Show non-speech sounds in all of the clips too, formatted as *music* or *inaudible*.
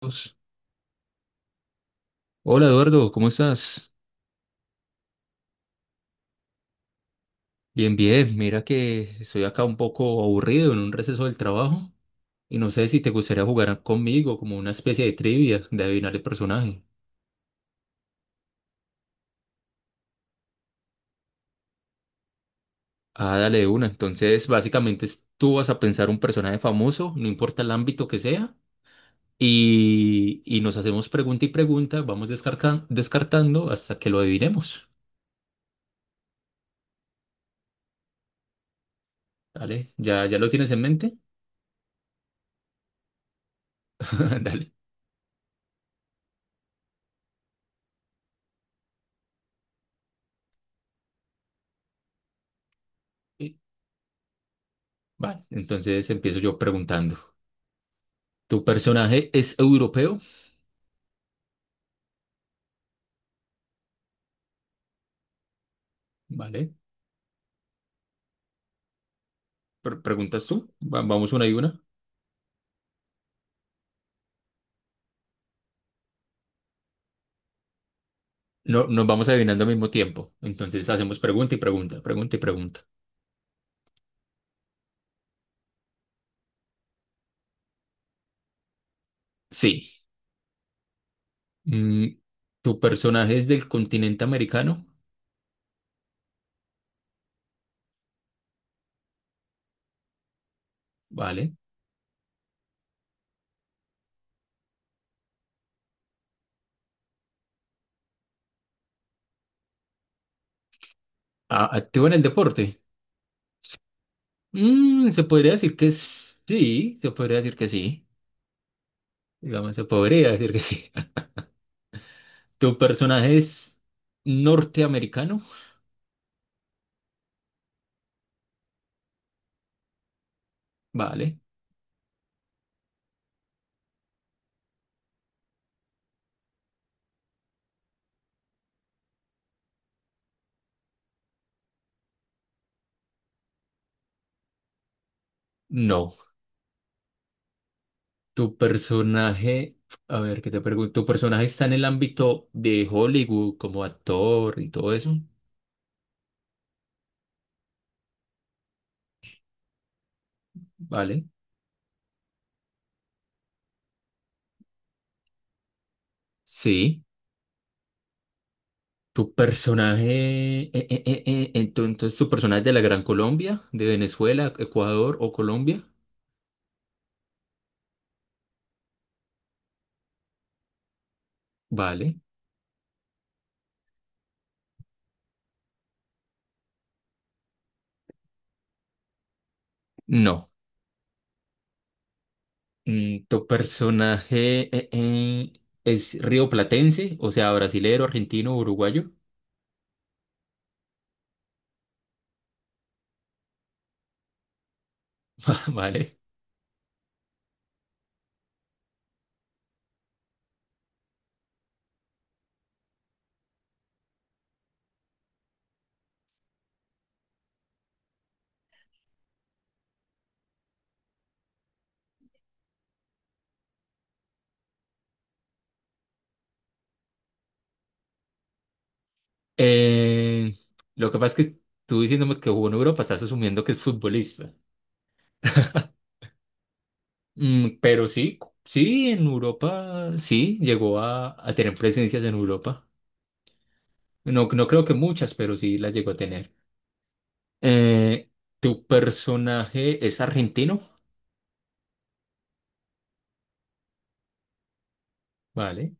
Dios. Hola Eduardo, ¿cómo estás? Bien, bien. Mira que estoy acá un poco aburrido en un receso del trabajo y no sé si te gustaría jugar conmigo como una especie de trivia de adivinar el personaje. Ah, dale de una. Entonces, básicamente tú vas a pensar un personaje famoso, no importa el ámbito que sea, y nos hacemos pregunta y pregunta, vamos descartando hasta que lo adivinemos. Dale, ¿ya lo tienes en mente? *laughs* Dale. Y- Vale, entonces empiezo yo preguntando. ¿Tu personaje es europeo? Vale. ¿Preguntas tú? Vamos una y una. No, nos vamos adivinando al mismo tiempo. Entonces hacemos pregunta y pregunta, pregunta y pregunta. Sí. Mm, ¿tu personaje es del continente americano? Vale. ¿Activo en el deporte? Mm, se podría decir que sí. Se podría decir que sí. Digamos, se podría decir que sí. *laughs* ¿Tu personaje es norteamericano? Vale. No. Tu personaje, a ver, ¿qué te pregunto? ¿Tu personaje está en el ámbito de Hollywood como actor y todo eso? ¿Vale? Sí. ¿Tu personaje, entonces tu personaje es de la Gran Colombia, de Venezuela, Ecuador o Colombia? ¿Vale? No. Mm, ¿tu personaje es rioplatense, o sea, brasilero, argentino, uruguayo? *laughs* ¿Vale? Eh, lo que pasa es que tú diciéndome que jugó en Europa, estás asumiendo que es futbolista. *laughs* Mm, pero sí, sí, en Europa, sí, llegó a tener presencias en Europa. No, no creo que muchas, pero sí las llegó a tener. Eh, ¿Tu personaje es argentino? Vale.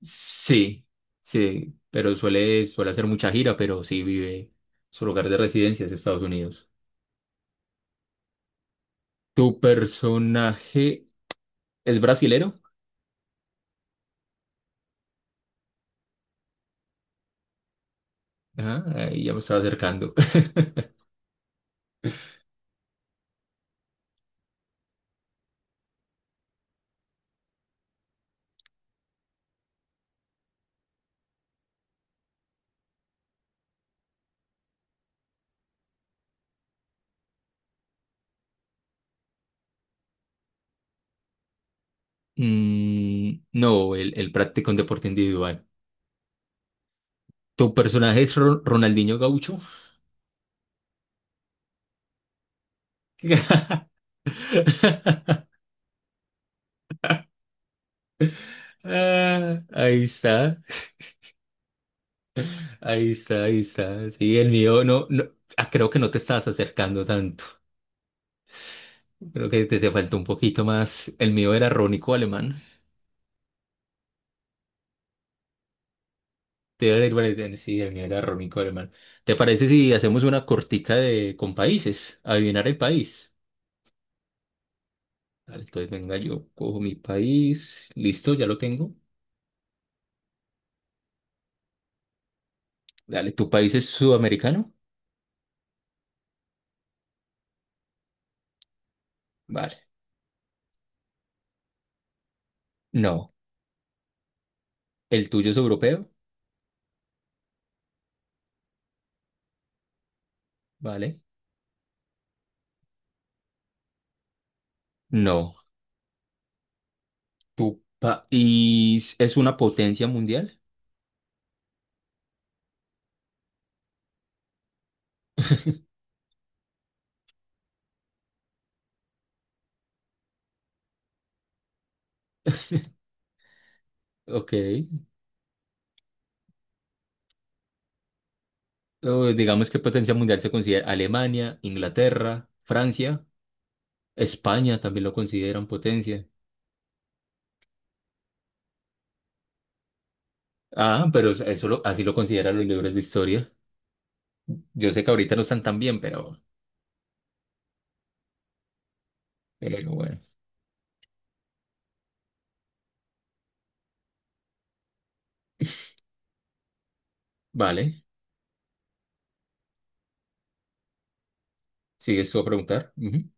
Sí, sí, pero suele, suele hacer mucha gira, pero sí vive, su lugar de residencia es Estados Unidos. ¿Tu personaje es brasilero? Ah, ahí ya me estaba acercando. *laughs* Mm, no, él practica un deporte individual. ¿Tu personaje es Ronaldinho Gaucho? *laughs* Ah, ahí está, ahí está, ahí está. Sí, el mío no, no, ah, creo que no te estás acercando tanto. Creo que te faltó un poquito más. El mío era Rónico Alemán. Te iba a decir, vale, sí, el mío era Rónico Alemán. ¿Te parece si hacemos una cortica de con países? Adivinar el país. Dale, entonces venga, yo cojo mi país. Listo, ya lo tengo. Dale, ¿tu país es sudamericano? Vale. No. ¿El tuyo es europeo? ¿Vale? No. ¿Tu país es una potencia mundial? *laughs* Ok. O digamos que potencia mundial se considera Alemania, Inglaterra, Francia, España también lo consideran potencia. Ah, pero así lo consideran los libros de historia. Yo sé que ahorita no están tan bien, pero bueno. Vale, sigues tú a preguntar. Ujú.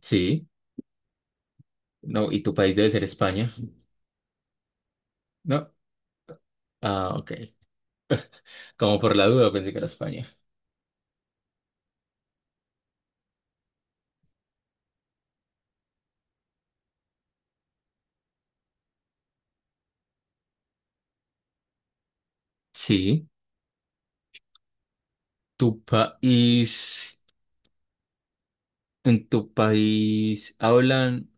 Sí, no, y tu país debe ser España. No. Ah, ok. Como por la duda pensé que era España. Sí, tu país ¿En tu país hablan,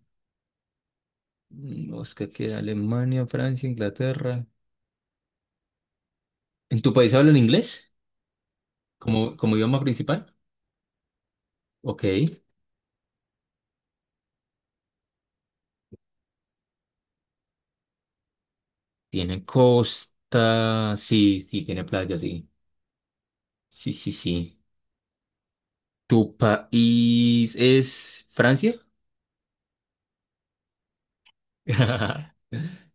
mm, Oscar, que Alemania, Francia, Inglaterra? ¿En tu país hablan inglés como, como idioma principal? Ok. Tiene costa, sí, sí, tiene playa, sí. Sí, sí, sí. ¿Tu país es Francia? *laughs*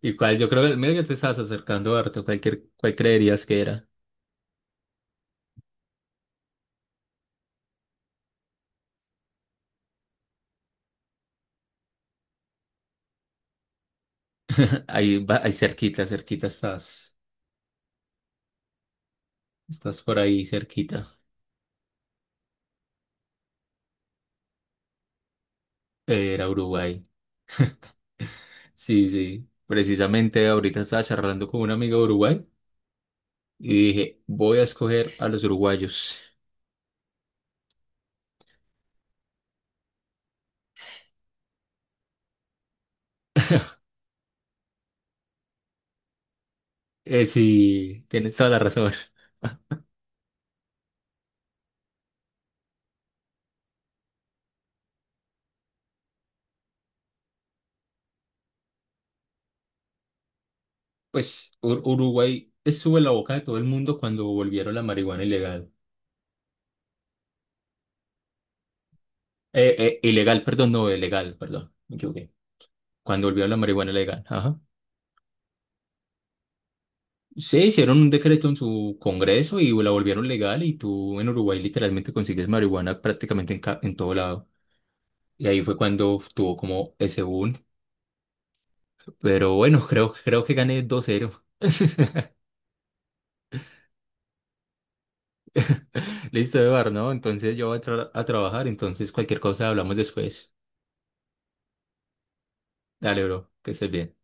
¿Y cuál? Yo creo que medio que te estás acercando, harto. Cualquier, ¿cuál creerías que era? *laughs* Ahí, ahí cerquita, cerquita estás. Estás por ahí cerquita. Era Uruguay. Sí, sí. Precisamente ahorita estaba charlando con un amigo de Uruguay y dije, voy a escoger a los uruguayos. Sí, tienes toda la razón. *laughs* Pues Uruguay estuvo en la boca de todo el mundo cuando volvieron la marihuana ilegal. Ilegal, perdón, no, legal, perdón, me equivoqué. Cuando volvieron la marihuana legal, ajá. Sí, hicieron un decreto en su congreso y la volvieron legal y tú en Uruguay literalmente consigues marihuana prácticamente en, en todo lado. Y ahí fue cuando tuvo como ese boom. Pero bueno, creo, creo que gané 2-0. *laughs* Listo, Eduardo, ¿no? Entonces yo voy a, a trabajar, entonces cualquier cosa hablamos después. Dale, bro, que estés bien.